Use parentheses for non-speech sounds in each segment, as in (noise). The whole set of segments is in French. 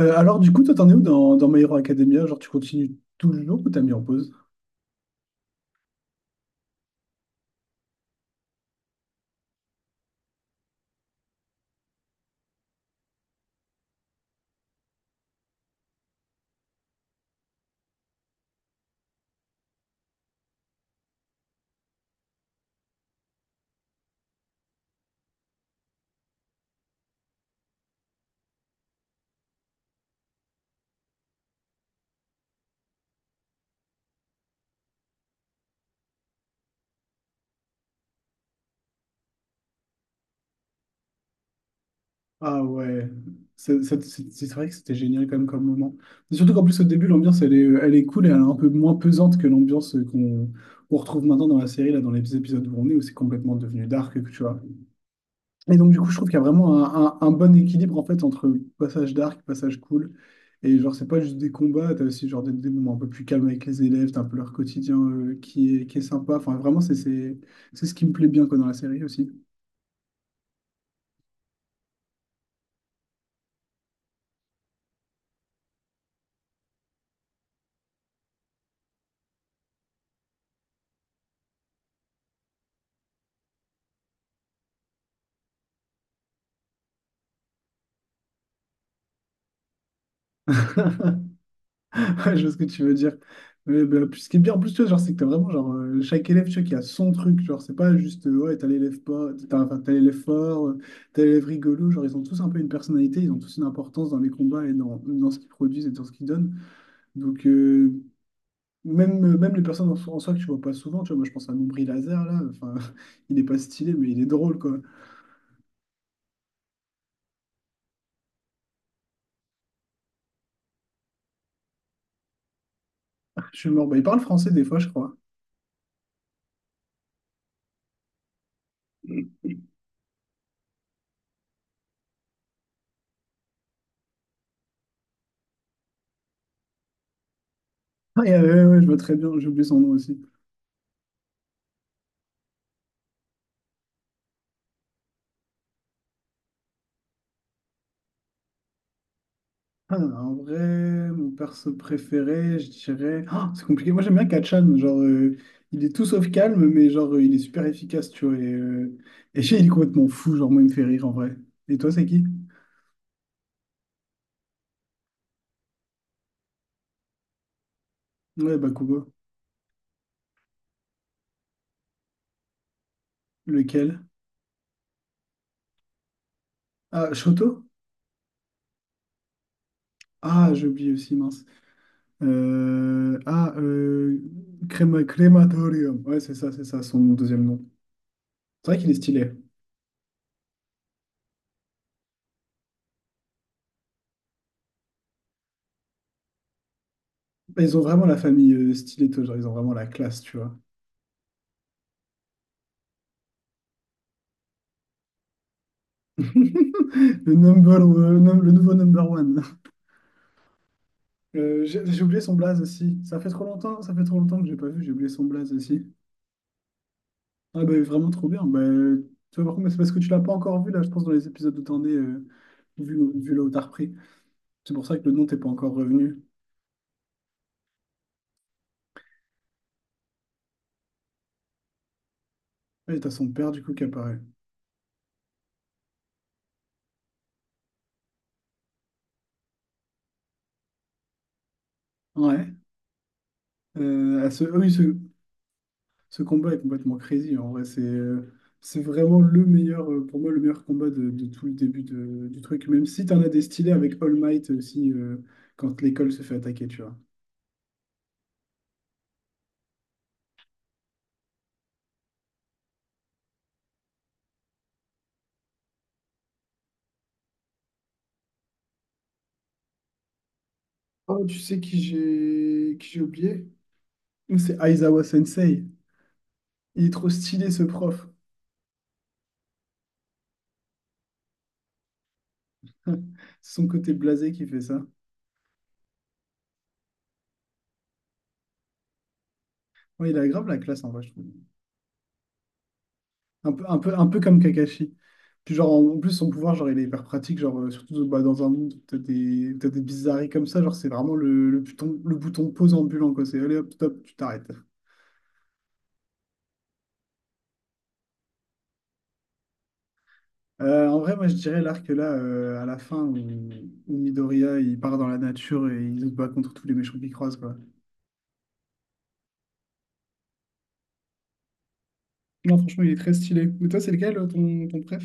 Du coup, toi, t'en es où dans My Hero Academia? Genre, tu continues toujours ou t'as mis en pause? Ah ouais, c'est vrai que c'était génial quand même comme moment. Mais surtout qu'en plus, au début, l'ambiance, elle est cool et elle est un peu moins pesante que l'ambiance qu'on retrouve maintenant dans la série, là, dans les épisodes où on est, où c'est complètement devenu dark, tu vois. Et donc, du coup, je trouve qu'il y a vraiment un bon équilibre en fait entre passage dark, passage cool. Et genre, c'est pas juste des combats, t'as aussi genre des moments un peu plus calmes avec les élèves, t'as un peu leur quotidien qui est sympa. Enfin, vraiment, c'est ce qui me plaît bien quoi, dans la série aussi. (laughs) Ouais, je vois ce que tu veux dire. Mais, bah, puis ce qui est bien en plus, tu vois, genre, c'est que t'as vraiment genre, chaque élève tu vois, qui a son truc. Genre, c'est pas juste ouais, t'as l'élève pas, t'as enfin, t'as l'élève fort, t'as l'élève rigolo. Genre, ils ont tous un peu une personnalité, ils ont tous une importance dans les combats et dans ce qu'ils produisent et dans ce qu'ils donnent. Donc, euh, même les personnes en soi que tu vois pas souvent, tu vois, moi je pense à Nombri Lazare là, enfin, (laughs) il est pas stylé, mais il est drôle quoi. Je suis mort. Bah, il parle français des fois, je crois. Ouais, ouais, je vois très bien, j'ai oublié son nom aussi. Ah, en vrai, mon perso préféré, je dirais. Ah, c'est compliqué. Moi, j'aime bien Kachan. Il est tout sauf calme, mais il est super efficace, tu vois. Et et Shay, il est complètement fou. Genre, moi, il me fait rire en vrai. Et toi, c'est qui? Ouais, Bakugo. Lequel? Ah, Shoto? Ah, j'ai oublié aussi, mince. Euh, ah, euh, Crematorium. Ouais, c'est ça, son deuxième nom. C'est vrai qu'il est stylé. Ils ont vraiment la famille Stiletto, genre, ils ont vraiment la classe, tu vois. (laughs) Le nouveau number one. J'ai oublié son blaze aussi. Ça fait trop longtemps, ça fait trop longtemps que j'ai pas vu, j'ai oublié son blaze aussi. Ah bah vraiment trop bien. Bah, tu vois, par contre, mais c'est parce que tu l'as pas encore vu là, je pense, dans les épisodes où vu, vu là où t'as repris. C'est pour ça que le nom t'es pas encore revenu. Et t'as son père du coup qui apparaît. Ouais. À ce... ah oui, ce... Ce combat est complètement crazy. En vrai, c'est vraiment le meilleur, pour moi, le meilleur combat de tout le début du truc. Même si tu en as des stylés avec All Might aussi, quand l'école se fait attaquer, tu vois. Oh, tu sais qui j'ai oublié? C'est Aizawa Sensei. Il est trop stylé, ce prof. (laughs) C'est son côté blasé qui fait ça. Ouais, il a grave la classe, en vrai, je trouve. Un peu, un peu, un peu comme Kakashi. Puis genre, en en plus, son pouvoir, genre, il est hyper pratique, surtout bah, dans un monde où où t'as des bizarreries comme ça, genre, c'est vraiment le bouton pause ambulant, quoi. C'est allez, hop, stop, tu t'arrêtes. En vrai, moi, je dirais l'arc là, à la fin, où Midoriya, il part dans la nature et il se bat contre tous les méchants qu'il croise, quoi. Non, franchement, il est très stylé. Mais toi, c'est lequel, ton préf?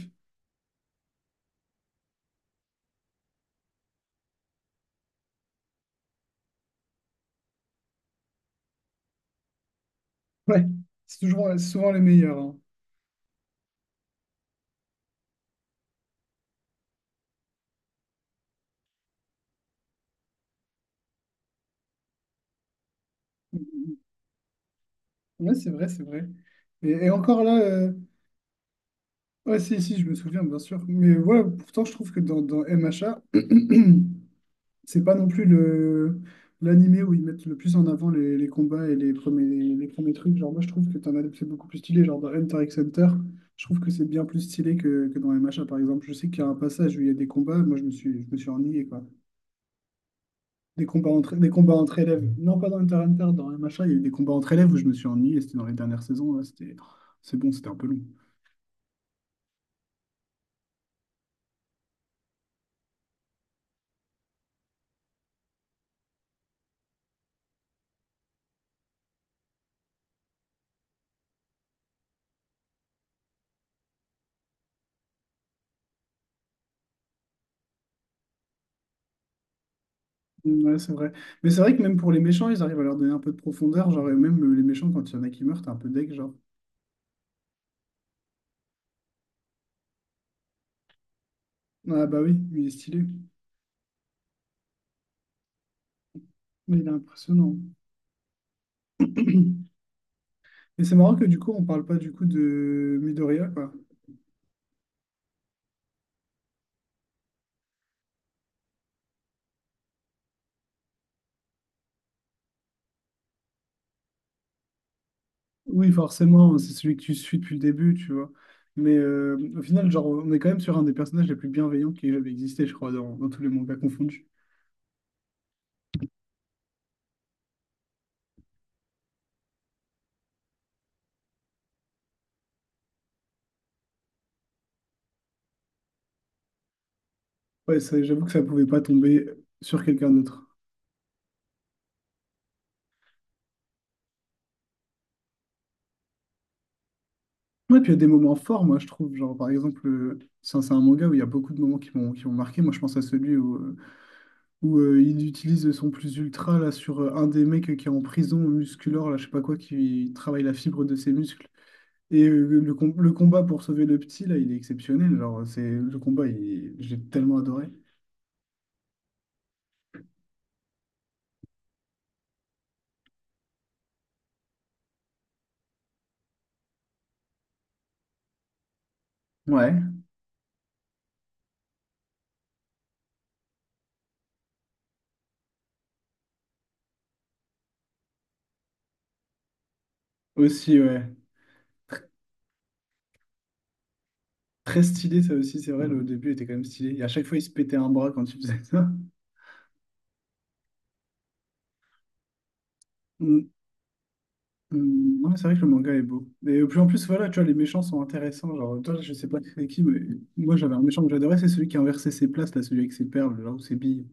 Ouais, c'est toujours, c'est souvent les meilleurs, hein. Ouais, c'est vrai, c'est vrai. Et, et encore là, euh, Ouais, si, si, je me souviens, bien sûr. Mais ouais, pourtant, je trouve que dans MHA, (clears throat) c'est pas non plus le l'animé où ils mettent le plus en avant les combats et les premiers trucs. Genre, moi, je trouve que c'est beaucoup plus stylé. Genre, dans Hunter x Hunter, je trouve que c'est bien plus stylé que dans MHA, par exemple. Je sais qu'il y a un passage où il y a des combats, moi, je me suis ennuyé, quoi. Des combats entre élèves. Non, pas dans Hunter x Hunter, dans MHA, il y a eu des combats entre élèves où je me suis ennuyé. C'était dans les dernières saisons, là. C'est bon, c'était un peu long. Ouais, c'est vrai. Mais c'est vrai que même pour les méchants, ils arrivent à leur donner un peu de profondeur. Genre, et même les méchants, quand il y en a qui meurent, t'es un peu deg, genre. Ah bah oui, il est stylé. Mais il est impressionnant. (clears throat) Et c'est marrant que du coup, on parle pas du coup de Midoriya, quoi. Oui, forcément, hein, c'est celui que tu suis depuis le début, tu vois. Mais au final, genre, on est quand même sur un des personnages les plus bienveillants qui ait jamais existé, je crois, dans tous les mangas confondus. Ouais, ça, j'avoue que ça pouvait pas tomber sur quelqu'un d'autre. Ouais, puis il y a des moments forts, moi, je trouve. Genre, par exemple, c'est un manga où il y a beaucoup de moments qui m'ont marqué. Moi, je pense à celui où il utilise son plus ultra là, sur un des mecs qui est en prison musculaire, là, je sais pas quoi, qui travaille la fibre de ses muscles. Et le combat pour sauver le petit, là, il est exceptionnel. Genre, c'est le combat, j'ai tellement adoré. Ouais, aussi, ouais. Très stylé, ça aussi, c'est vrai, le début était quand même stylé. Et à chaque fois, il se pétait un bras quand il faisait ça. (laughs) Ouais, c'est vrai que le manga est beau. Et puis en plus, voilà, tu vois, les méchants sont intéressants. Genre, toi, je sais pas c'est qui, mais moi, j'avais un méchant que j'adorais, c'est celui qui a inversé ses places, là, celui avec ses perles, là, ou ses billes.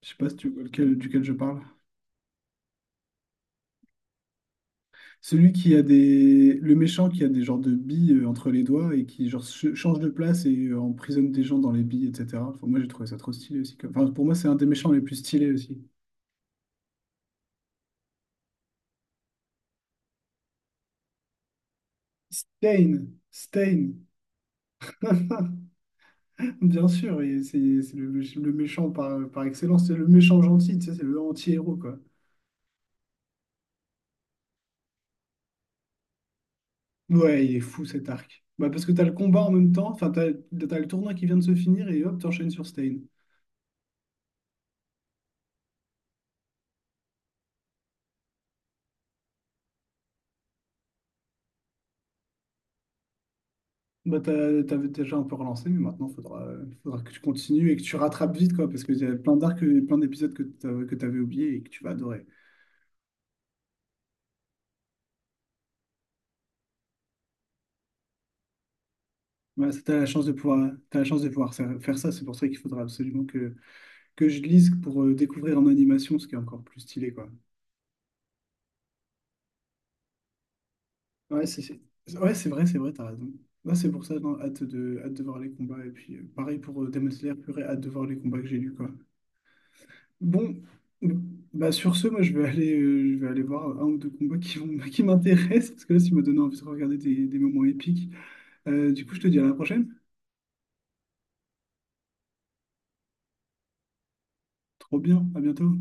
Je sais pas si tu vois lequel, duquel je parle. Celui qui a des... Le méchant qui a des genres de billes entre les doigts et qui, genre, change de place et emprisonne des gens dans les billes, etc. Enfin, moi, j'ai trouvé ça trop stylé aussi. Enfin, pour moi, c'est un des méchants les plus stylés aussi. Stain! Stain! (laughs) Bien sûr, et c'est le méchant par excellence, c'est le méchant gentil, tu sais, c'est le anti-héros, quoi. Ouais, il est fou cet arc. Bah, parce que t'as le combat en même temps, enfin, t'as le tournoi qui vient de se finir et hop, t'enchaînes sur Stain. Bah, t'avais déjà un peu relancé, mais maintenant, faudra que tu continues et que tu rattrapes vite, quoi, parce qu'il y a plein d'arcs, et plein d'épisodes que que t'avais oubliés et que tu vas adorer. Voilà, ça, t'as la chance de pouvoir, t'as la chance de pouvoir faire faire ça, c'est pour ça qu'il faudra absolument que je lise pour découvrir en animation ce qui est encore plus stylé, quoi. Ouais, ouais, c'est vrai, t'as raison. Là, c'est pour ça, non, hâte de voir les combats. Et puis, pareil pour Demon Slayer, purée, hâte de voir les combats que j'ai lus, quoi. Bon, bah sur ce, moi, je vais aller voir un ou deux combats qui vont, (laughs) qui m'intéressent, parce que là, ça me donne envie de regarder des moments épiques. Du coup, je te dis à la prochaine. Trop bien, à bientôt.